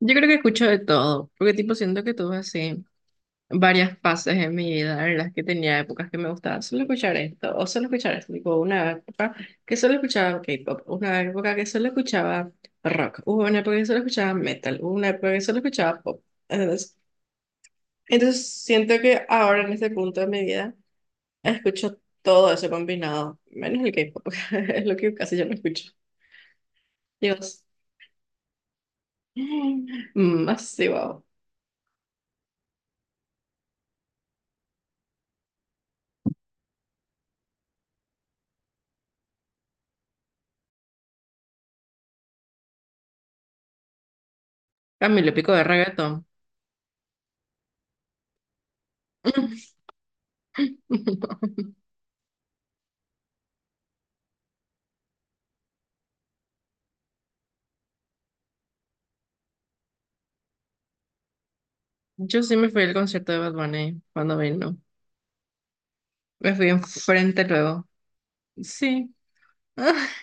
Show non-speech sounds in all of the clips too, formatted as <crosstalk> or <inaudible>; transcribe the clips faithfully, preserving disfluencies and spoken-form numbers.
Yo creo que escucho de todo, porque tipo siento que tuve así varias fases en mi vida en las que tenía épocas que me gustaba solo escuchar esto o solo escuchar esto, tipo una época que solo escuchaba K-pop, una época que solo escuchaba rock, hubo una época que solo escuchaba metal, hubo una época que solo escuchaba pop. Entonces, entonces siento que ahora en este punto de mi vida escucho todo eso combinado, menos el K-pop, <laughs> es lo que casi yo no escucho. Dios, más sí, wow. Camilo Pico de reggaetón. <laughs> <laughs> Yo sí me fui al concierto de Bad Bunny cuando vino. Me fui enfrente luego. Sí. <laughs>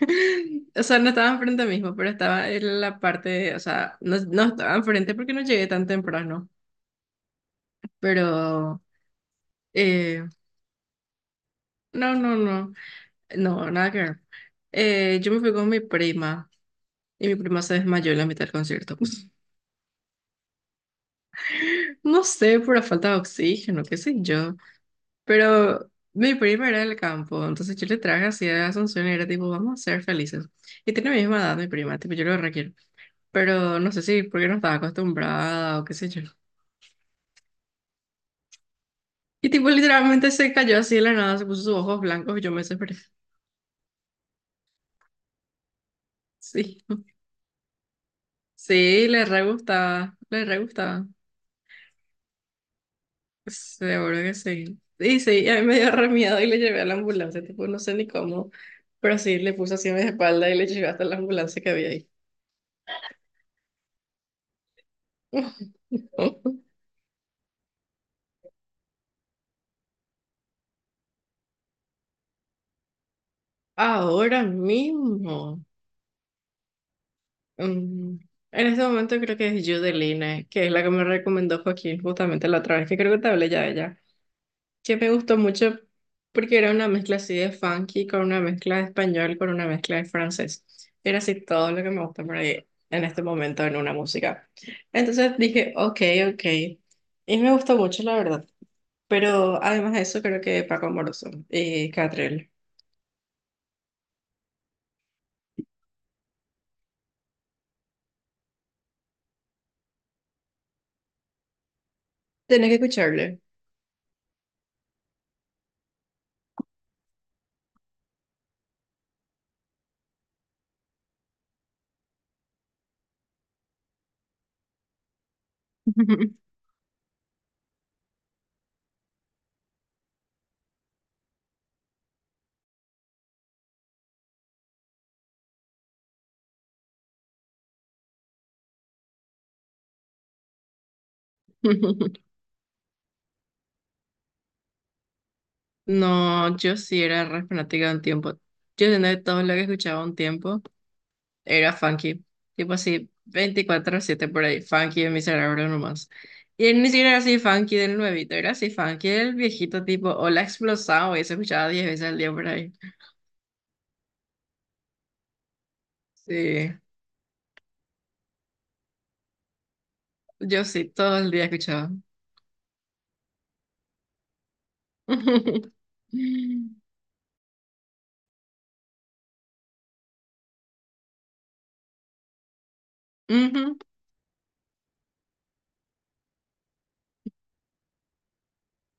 O sea, no estaba enfrente mismo, pero estaba en la parte, o sea, no, no estaba enfrente porque no llegué tan temprano. Pero, eh, no, no, no, no, nada que ver. Eh, yo me fui con mi prima y mi prima se desmayó en la mitad del concierto. <laughs> No sé, por la falta de oxígeno, qué sé yo. Pero mi prima era del campo, entonces yo le traje así a Asunción y era tipo, vamos a ser felices. Y tiene mi misma edad mi prima, tipo, yo lo requiero. Pero no sé si porque no estaba acostumbrada o qué sé yo. Y tipo, literalmente se cayó así de la nada, se puso sus ojos blancos y yo me desesperé. <laughs> Sí, sí, le re gustaba, le re gustaba. Seguro que sí. Y sí, y a mí me dio re miedo y le llevé a la ambulancia, tipo, no sé ni cómo, pero sí, le puse así en mi espalda y le llevé hasta la ambulancia que había ahí. <laughs> Ahora mismo. mm, en este momento creo que es Judeline, que es la que me recomendó Joaquín justamente la otra vez, que creo que te hablé ya de ella, que me gustó mucho porque era una mezcla así de funky con una mezcla de español, con una mezcla de francés. Era así todo lo que me gusta por ahí en este momento en una música. Entonces dije, ok, ok. Y me gustó mucho, la verdad. Pero además de eso, creo que Paco Amoroso y Catrell. Tenés que escucharle. <laughs> No, yo sí era re fanática de un tiempo. Yo de todo lo que escuchaba un tiempo era funky. Tipo así, veinticuatro siete por ahí, funky en mi cerebro nomás. Y él ni siquiera era así funky del nuevito, era así funky del viejito tipo, o la explosado, y se escuchaba diez veces al día por ahí. Sí, yo sí, todo el día escuchaba. <laughs> Ujú,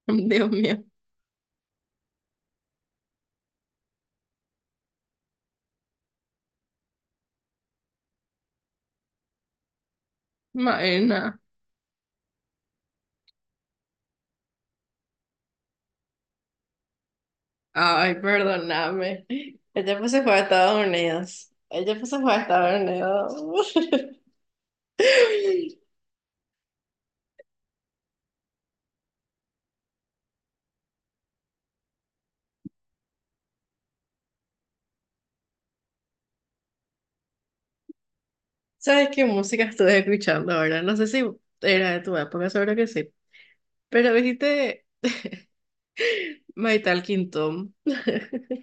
Dios mío, Maena. Ay, perdóname. El tiempo se fue a Estados Unidos. El tiempo se fue a Estados Unidos. <laughs> ¿Sabes qué música estuve escuchando ahora? No sé si era de tu época, seguro que sí. Pero viste <laughs> My Talking Tom, <laughs>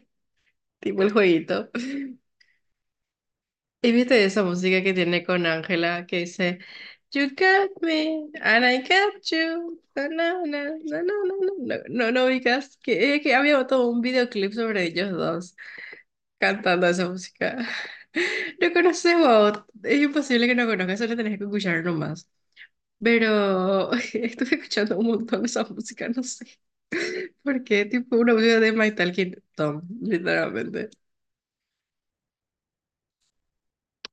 tipo el jueguito. Y viste esa música que tiene con Ángela que dice You got me and I got you. No, no, no, no, no, no, no, no, no, ubicas que, eh, que había todo un videoclip sobre ellos dos, cantando esa música. <laughs> No conoces vos, es imposible que no conozcas, solo tenés que escuchar nomás. Pero <laughs> estuve escuchando un montón esa música, no sé. <laughs> Porque tipo una música de My Talking Tom, literalmente.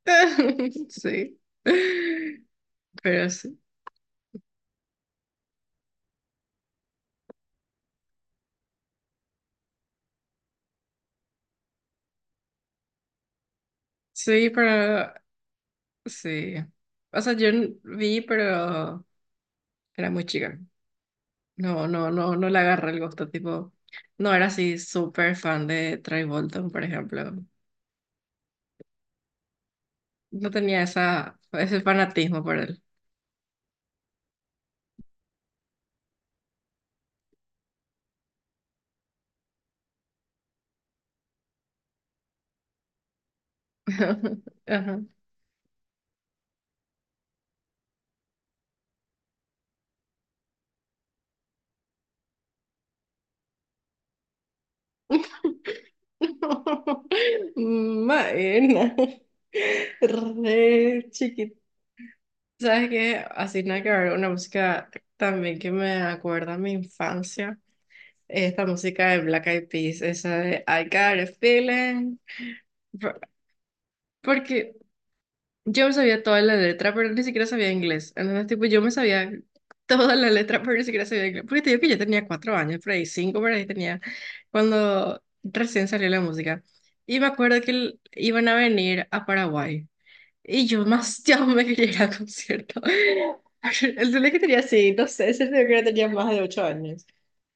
<laughs> Sí. Pero sí. Sí, pero sí. O sea, yo n- vi, pero era muy chica. No, no, no, no le agarré el gusto, tipo. No era así súper fan de Troy Bolton, por ejemplo. No tenía esa, ese fanatismo por él. <laughs> Ajá. <laughs> Maena. Re chiquita. ¿Sabes qué? Así nada que ver, una música también que me acuerda a mi infancia. Esta música de Black Eyed Peas, esa de I Got a Feeling. Por- Porque yo me sabía toda la letra, pero ni siquiera sabía inglés. Entonces, tipo, yo me sabía toda la letra, pero ni siquiera sabía inglés. Porque te digo que yo tenía cuatro años, por ahí cinco, por ahí tenía, cuando recién salió la música. Y me acuerdo que l- iban a venir a Paraguay. Y yo más, <laughs> ya me quería ir al concierto. <laughs> El día que tenía, sí, no sé, ese día que tenía más de ocho años.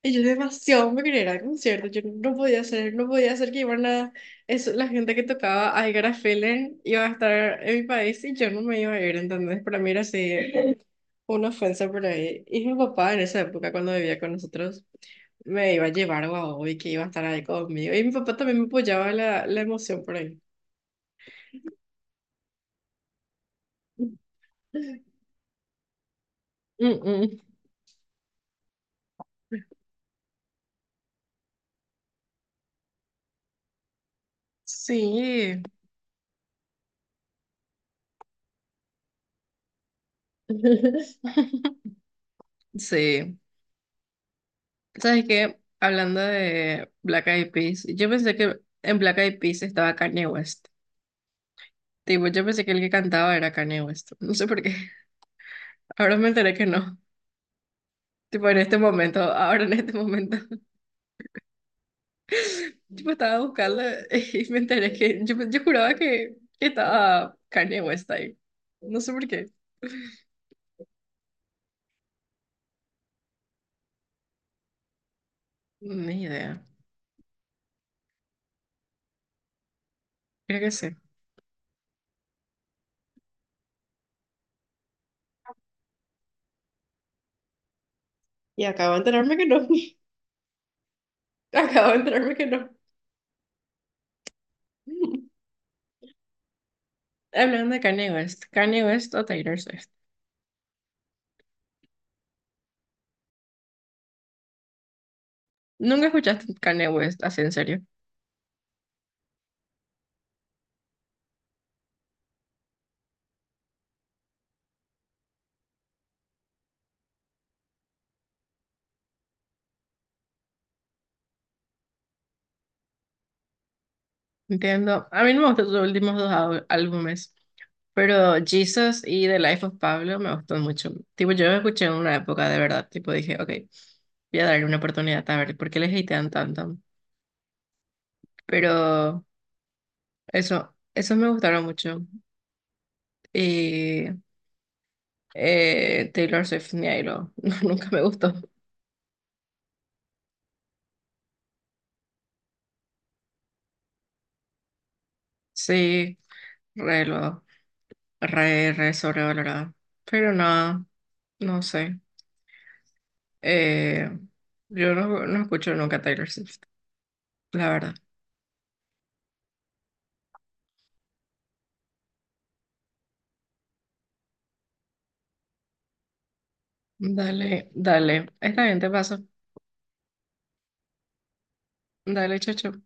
Y yo demasiado me quería ir al concierto, yo no podía hacer, no podía hacer que iban a, eso, la gente que tocaba I Got a Feeling iba a estar en mi país y yo no me iba a ir, ¿entendés? Para mí era así una ofensa por ahí. Y mi papá en esa época cuando vivía con nosotros me iba a llevar a Guau y que iba a estar ahí conmigo. Y mi papá también me apoyaba la, la emoción por ahí. <laughs> Mm, mm. Sí. <laughs> Sí. ¿Sabes qué? Hablando de Black Eyed Peas, yo pensé que en Black Eyed Peas estaba Kanye West. Tipo, yo pensé que el que cantaba era Kanye West. No sé por qué. <laughs> Ahora me enteré que no. Tipo, en este momento, ahora en este momento. <laughs> Tipo, estaba buscando y me enteré que yo, yo juraba que, que estaba Kanye West ahí. No sé por qué. Ni idea. Creo que sí. Y acabo de enterarme que no. <laughs> Acabo de enterarme que no. <laughs> Hablando de Kanye West, Kanye West o Taylor Swift. Nunca escuchaste Kanye West, así en serio. Entiendo. A mí no me gustan sus últimos dos au- álbumes, pero Jesus y The Life of Pablo me gustan mucho. Tipo, yo lo escuché en una época de verdad, tipo, dije, ok, voy a darle una oportunidad a ver por qué les hatean tanto. Pero eso, eso me gustaron mucho. Y eh, Taylor Swift, ni ahí lo, <laughs> no, nunca me gustó. Sí, re, lo, re, re sobrevalorada. Pero no, no sé. Eh, yo no, no escucho nunca Taylor Swift, la verdad. Dale, dale. Está bien, te paso. Dale, chao, chao.